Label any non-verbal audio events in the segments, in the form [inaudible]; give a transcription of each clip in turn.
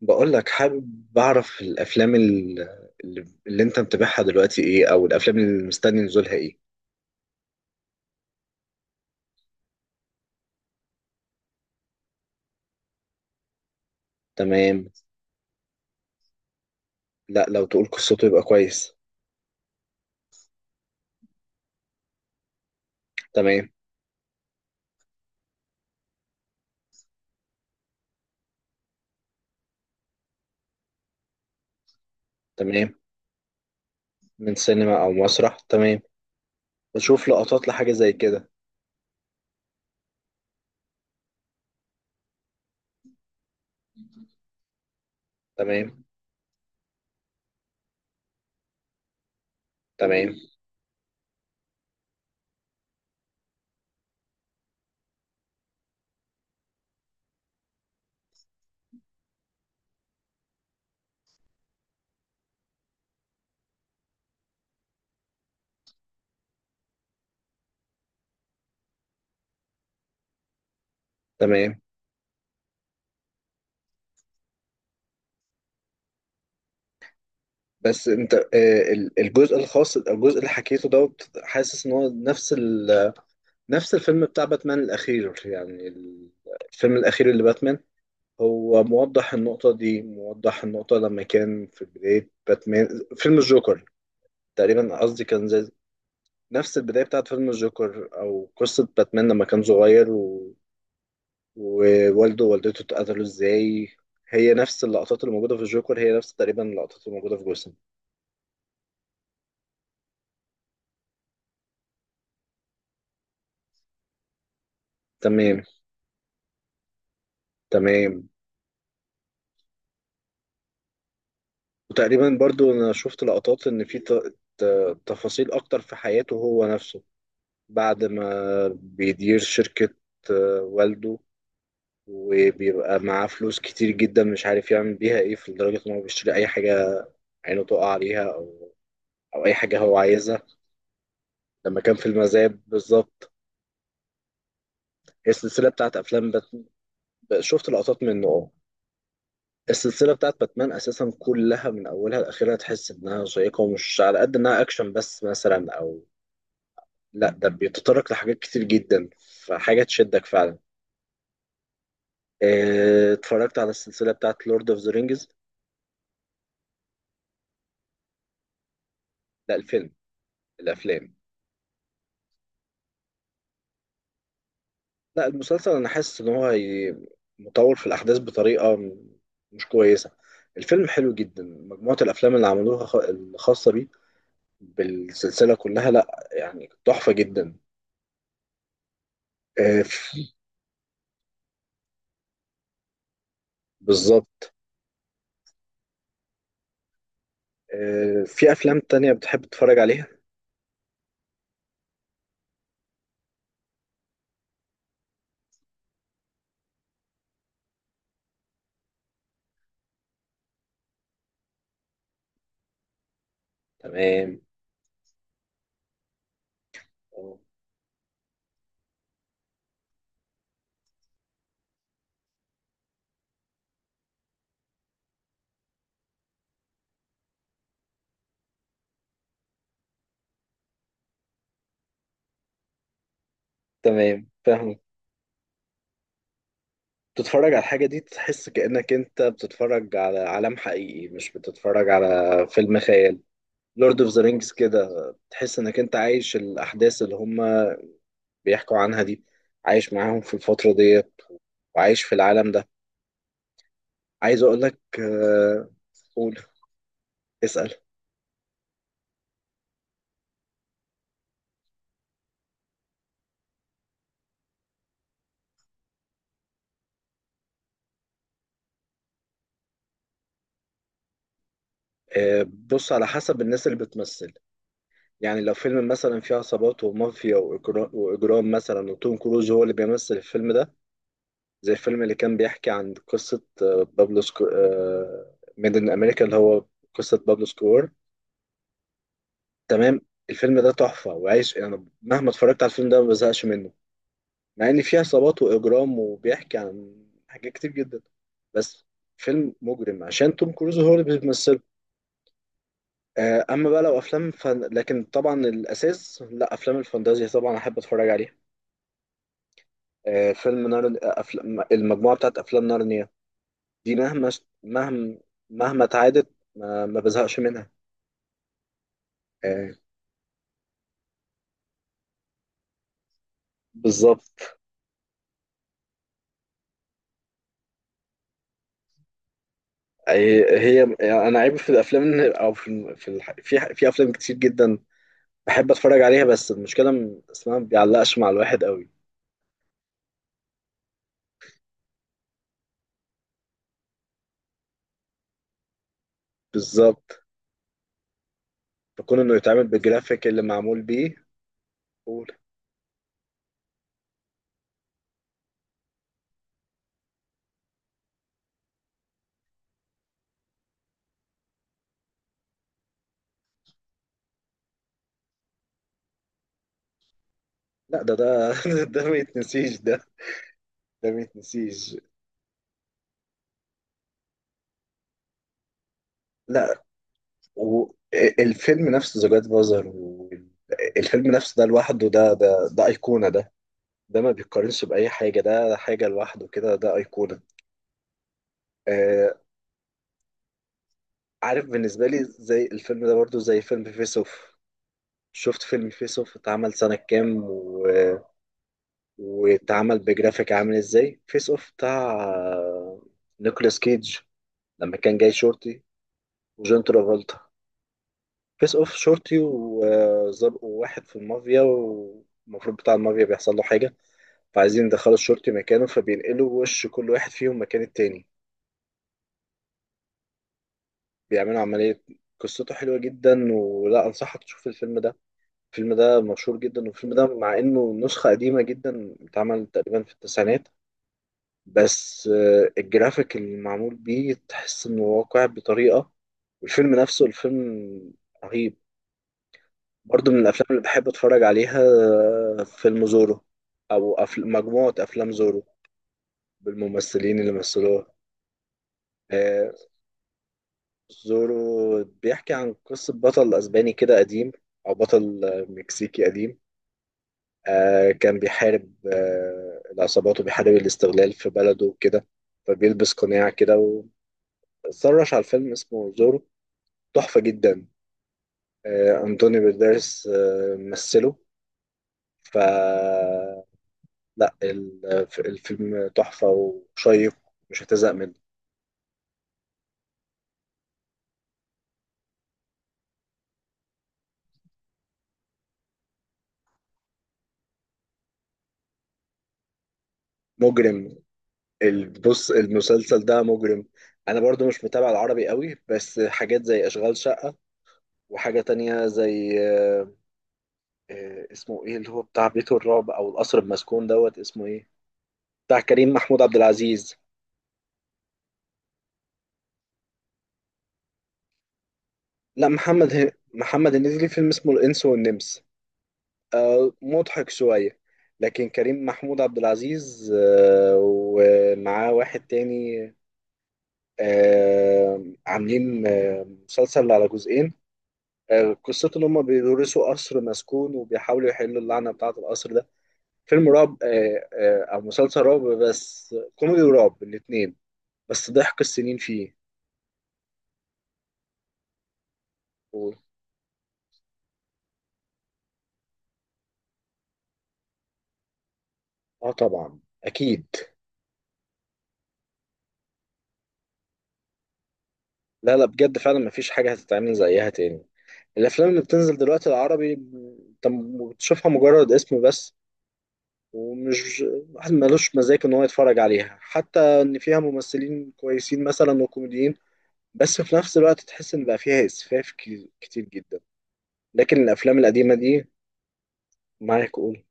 بقول لك حابب أعرف الأفلام اللي أنت متابعها دلوقتي إيه، أو الأفلام اللي مستني نزولها إيه؟ تمام. لا، لو تقول قصته يبقى كويس. تمام، تمام. من سينما أو مسرح، تمام. بشوف لقطات لحاجة زي كده. تمام، تمام، تمام. بس أنت، الجزء الخاص، الجزء اللي حكيته دوت، حاسس إن هو نفس نفس الفيلم بتاع باتمان الأخير، يعني الفيلم الأخير اللي باتمان، هو موضح النقطة دي، موضح النقطة لما كان في بداية باتمان. فيلم الجوكر، تقريبا قصدي كان زي نفس البداية بتاعت فيلم الجوكر، أو قصة باتمان لما كان صغير ووالده ووالدته اتقتلوا ازاي. هي نفس اللقطات اللي موجودة في الجوكر، هي نفس تقريبا اللقطات اللي موجودة في جوسم. تمام، تمام. وتقريبا برضو أنا شفت لقطات إن في ت... تفاصيل أكتر في حياته هو نفسه، بعد ما بيدير شركة. والده، وبيبقى معاه فلوس كتير جدا، مش عارف يعمل بيها ايه، في لدرجة ان هو بيشتري اي حاجة عينه تقع عليها، او او اي حاجة هو عايزها. لما كان في المذاب، بالظبط. هي السلسلة بتاعت افلام شفت لقطات منه، اه. السلسلة بتاعت باتمان اساسا كلها من اولها لاخرها، تحس انها شيقة، ومش على قد انها اكشن بس، مثلا او... لا، ده بيتطرق لحاجات كتير جدا، فحاجة تشدك فعلا. اتفرجت على السلسلة بتاعت لورد اوف ذا رينجز؟ لا، الفيلم. الافلام. لا، المسلسل انا حاسس ان هو مطول في الاحداث بطريقه مش كويسه. الفيلم حلو جدا، مجموعه الافلام اللي عملوها الخاصه بيه، بالسلسله كلها، لا يعني تحفه جدا. آه، في- بالظبط. في افلام تانية بتحب تتفرج عليها؟ تمام. أه. تمام، فاهم. تتفرج على الحاجه دي، تحس كانك انت بتتفرج على عالم حقيقي، مش بتتفرج على فيلم خيال. لورد اوف ذا رينجز كده. تحس انك انت عايش الاحداث اللي هم بيحكوا عنها دي، عايش معاهم في الفترة ديت، وعايش في العالم ده. عايز اقول لك قول، اسأل. بص، على حسب الناس اللي بتمثل. يعني لو فيلم مثلا فيه عصابات ومافيا وإجرام مثلا، وتوم كروز هو اللي بيمثل الفيلم ده، زي الفيلم اللي كان بيحكي عن قصة بابلو ميد إن أمريكا، اللي هو قصة بابلو سكور. تمام. الفيلم ده تحفة، وعايش أنا يعني مهما اتفرجت على الفيلم ده ما بزهقش منه، مع ان فيه عصابات واجرام وبيحكي عن حاجات كتير جدا، بس فيلم مجرم عشان توم كروز هو اللي بيمثله. اما بقى لو افلام لكن طبعا الاساس، لا، افلام الفانتازيا طبعا احب اتفرج عليها. فيلم نار المجموعه بتاعت افلام نارنيا دي، مهما مهما اتعادت ما بزهقش منها. آه، بالظبط. هي انا عيب في الافلام، او في افلام كتير جدا بحب اتفرج عليها، بس المشكله اسمها ما بيعلقش مع الواحد قوي. بالظبط، فكون انه يتعمل بالجرافيك اللي معمول بيه. قول. لا، ده [laughs] ده ما يتنسيش ده. ده ما يتنسيش. لا، والفيلم نفسه ذا جاد فازر، الفيلم نفسه ده لوحده، ده ايقونه، ده. ده ما بيتقارنش باي حاجه، ده حاجه لوحده كده، ده ايقونه. آه. عارف، بالنسبه لي زي الفيلم ده برضو زي فيلم فيس اوف. شفت فيلم فيس اوف اتعمل سنة كام واتعمل بجرافيك عامل ازاي، فيس اوف بتاع نيكولاس كيدج لما كان جاي شورتي وجون ترافولتا. فيس اوف، شورتي وزرقوا واحد في المافيا، والمفروض بتاع المافيا بيحصل له حاجة، فعايزين يدخلوا الشورتي مكانه، فبينقلوا وش كل واحد فيهم مكان التاني، بيعملوا عملية. قصته حلوة جدا، ولا أنصحك تشوف الفيلم ده. الفيلم ده مشهور جدا، والفيلم ده مع إنه نسخة قديمة جدا اتعمل تقريبا في التسعينات، بس الجرافيك اللي معمول بيه تحس إنه واقع بطريقة. والفيلم نفسه، الفيلم رهيب. برضو من الافلام اللي بحب اتفرج عليها، فيلم زورو، او مجموعه افلام زورو، بالممثلين اللي مثلوها. آه، زورو بيحكي عن قصه بطل اسباني كده قديم، او بطل، مكسيكي قديم. كان بيحارب العصابات، وبيحارب الاستغلال في بلده وكده، فبيلبس قناع كده. واتسرش على الفيلم، اسمه زورو. تحفه جدا. انطونيو بيرديرس مثله. ف لا، الفيلم تحفة وشيق، مش هتزهق منه. مجرم، بص، المسلسل ده مجرم. انا برضو مش متابع العربي قوي، بس حاجات زي اشغال شقة، وحاجة تانية زي اسمه ايه اللي هو بتاع بيت الرعب او القصر المسكون دوت، اسمه ايه، بتاع كريم محمود عبد العزيز. لا، محمد هنيدي ليه فيلم اسمه الانس والنمس، مضحك شوية. لكن كريم محمود عبد العزيز، ومعاه واحد تاني، عاملين مسلسل على جزئين، قصته ان هم بيدرسوا قصر مسكون، وبيحاولوا يحلوا اللعنه بتاعه القصر ده. فيلم رعب، او مسلسل رعب، بس كوميدي ورعب الاثنين، بس ضحك السنين فيه. و- اه، طبعا اكيد. لا، لا، بجد فعلا مفيش حاجه هتتعمل زيها تاني. الافلام اللي بتنزل دلوقتي العربي، انت بتشوفها مجرد اسم بس، ومش واحد ملوش مزاج ان هو يتفرج عليها، حتى ان فيها ممثلين كويسين مثلا وكوميديين، بس في نفس الوقت تحس ان بقى فيها اسفاف كتير جدا. لكن الافلام القديمه دي، معاك، قول.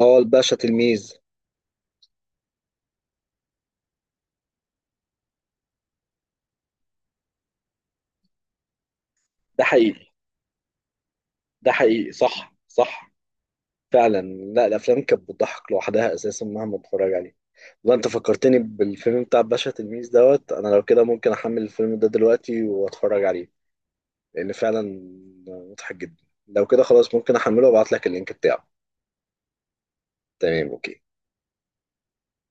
اه، الباشا تلميذ. ده حقيقي. ده حقيقي، صح، صح، فعلا. لا، الافلام كانت بتضحك لوحدها اساسا، مهما اتفرج عليه. والله انت فكرتني بالفيلم بتاع الباشا تلميذ دوت، انا لو كده ممكن احمل الفيلم ده دلوقتي واتفرج عليه، لان فعلا مضحك جدا. لو كده خلاص ممكن احمله وابعت لك اللينك بتاعه. تمام، اوكي.